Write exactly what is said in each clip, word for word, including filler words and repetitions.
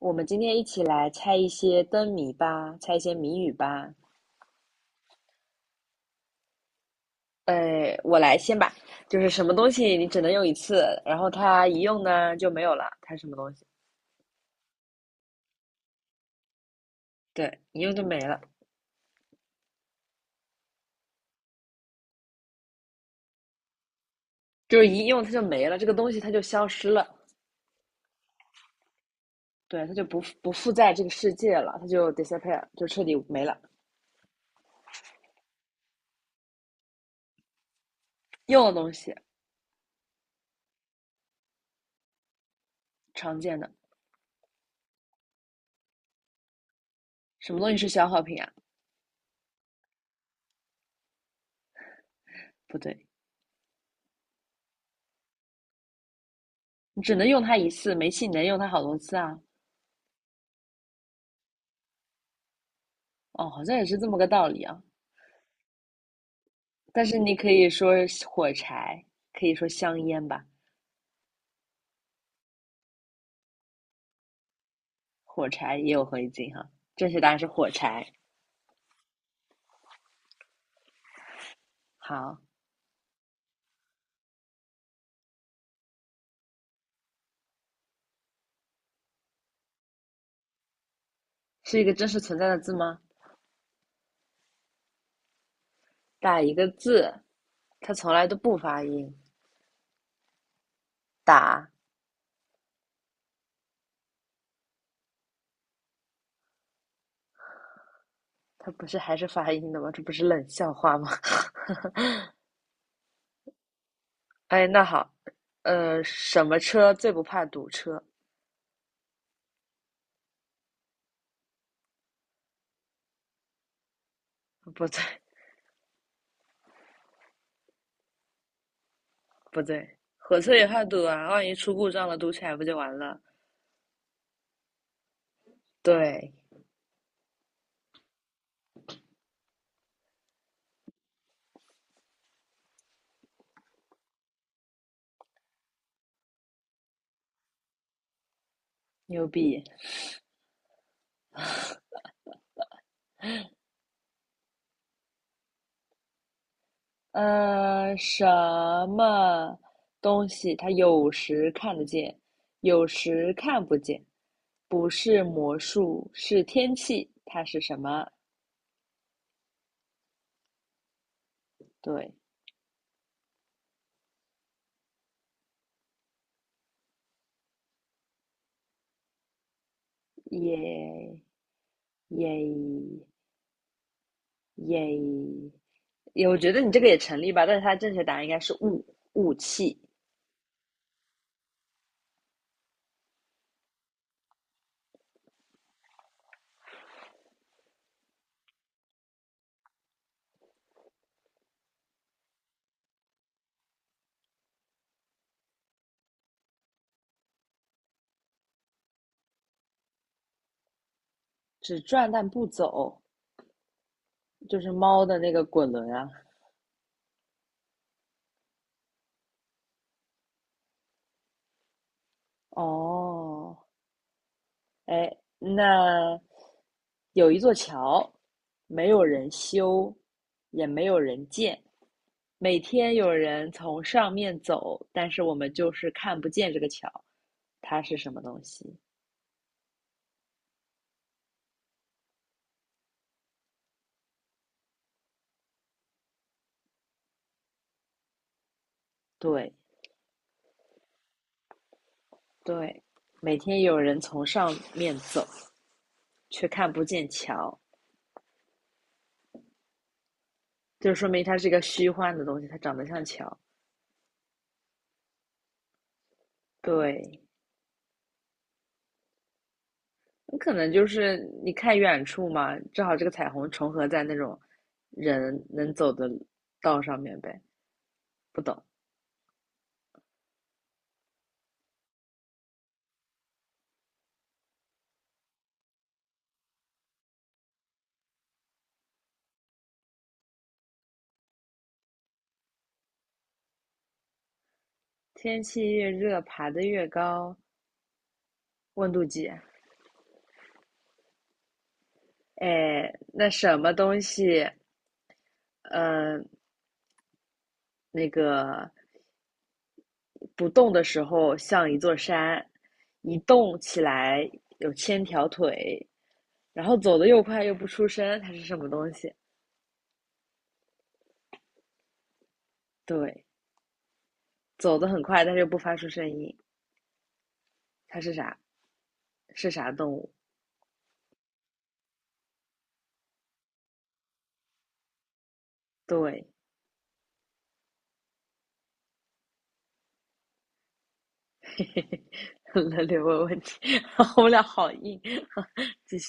我们今天一起来猜一些灯谜吧，猜一些谜语吧。呃，我来先吧，就是什么东西你只能用一次，然后它一用呢就没有了，它什么东西？对，一用就没了，就是一用它就没了，这个东西它就消失了，对，它就不不附在这个世界了，它就 disappear，就彻底没了。用的东西常见的，什么东西是消耗品啊？不对，你只能用它一次，煤气你能用它好多次啊。哦，好像也是这么个道理啊。但是你可以说火柴，可以说香烟吧，火柴也有回一字哈。正确答案是火柴。好，是一个真实存在的字吗？打一个字，它从来都不发音。打，它不是还是发音的吗？这不是冷笑话吗？哎，那好，呃，什么车最不怕堵车？不对，不对，火车也怕堵啊，万一出故障了，堵起来不就完了？对，牛逼。呃，什么东西它有时看得见，有时看不见？不是魔术，是天气，它是什么？对，耶耶耶！也我觉得你这个也成立吧，但是它正确答案应该是雾雾气，只转但不走，就是猫的那个滚轮啊。哦，哎，那有一座桥，没有人修，也没有人建，每天有人从上面走，但是我们就是看不见这个桥，它是什么东西？对对，每天有人从上面走，却看不见桥，就说明它是一个虚幻的东西，它长得像桥。对，可能就是你看远处嘛，正好这个彩虹重合在那种人能走的道上面呗。不懂，天气越热，爬得越高，温度计。哎，那什么东西，呃，那个不动的时候像一座山，一动起来有千条腿，然后走得又快又不出声，它是什么东西？对，走得很快，但是又不发出声音，它是啥？是啥动物？对，轮流问问题，我们俩好硬。继续，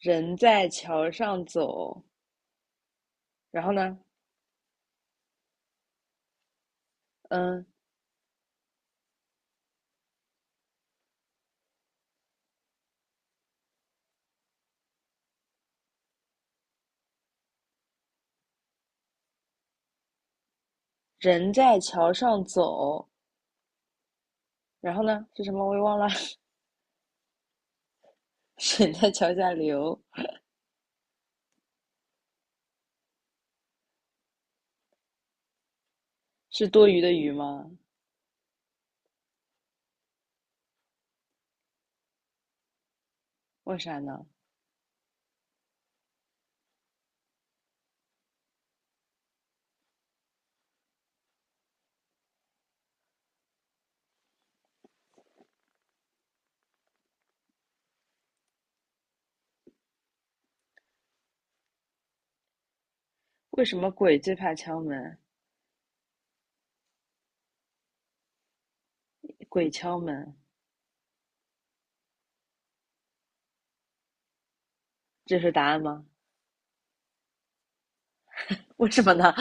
人在桥上走，然后呢，嗯，人在桥上走，然后呢是什么？我也忘了。水在桥下流，是多余的鱼吗？为啥呢？为什么鬼最怕敲门？鬼敲门，这是答案吗？为什么呢？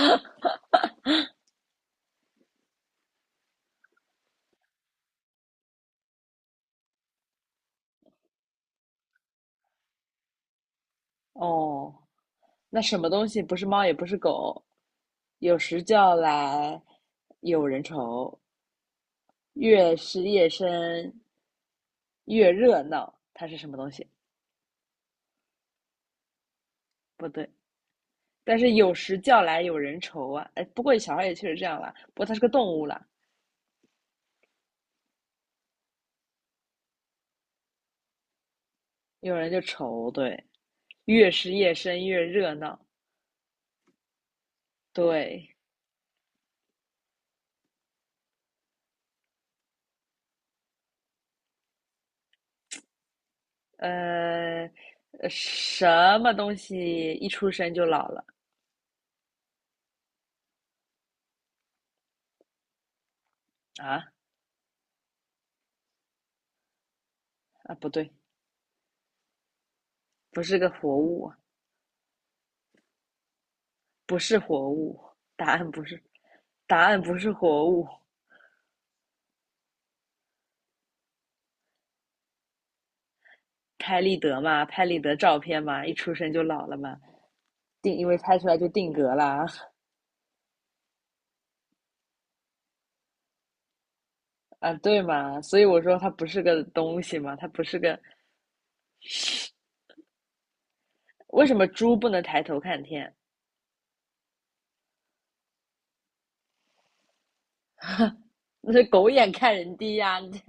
哦，那什么东西不是猫也不是狗，有时叫来有人愁。越是夜深越热闹，它是什么东西？不对，但是有时叫来有人愁啊。哎，不过小孩也确实这样啦，不过它是个动物啦，有人就愁。对，越是夜深越热闹。对，呃，呃什么东西一出生就老了啊？啊，不对，不是个活物啊不是活物，答案不是，答案不是活物。拍立得嘛，拍立得照片嘛，一出生就老了嘛。定，因为拍出来就定格啦，啊，对嘛，所以我说它不是个东西嘛，它不是个，为什么猪不能抬头看天？那是狗眼看人低呀、你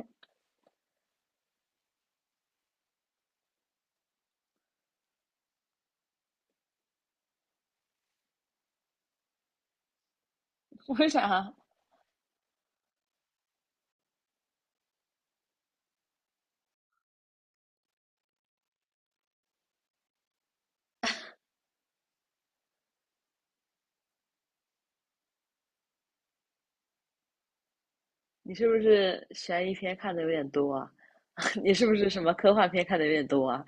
为啥 你是不是悬疑片看的有点多啊？你是不是什么科幻片看的有点多啊？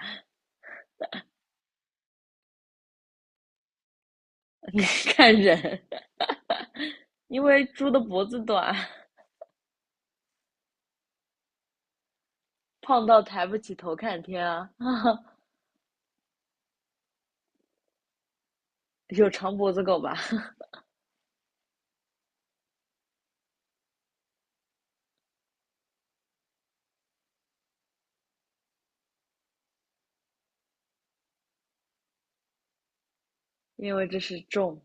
你看人，因为猪的脖子短，胖到抬不起头看天啊。有长脖子狗吧？因为这是重。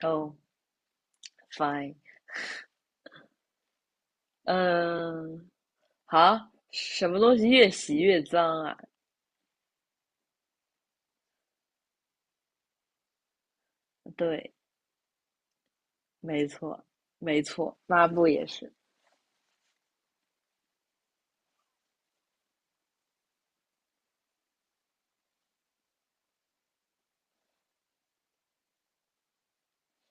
哦 oh,，fine。嗯，好，什么东西越洗越脏啊？对，没错，没错，抹布也是。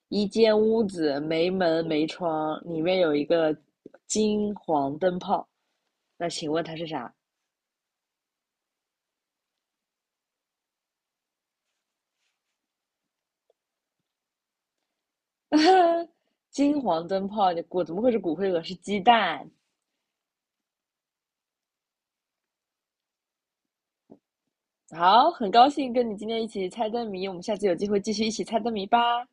一间屋子没门没窗，里面有一个金黄灯泡，那请问它是啥？呃金黄灯泡，你我怎么会是骨灰盒？是鸡蛋。好，很高兴跟你今天一起猜灯谜，我们下次有机会继续一起猜灯谜吧。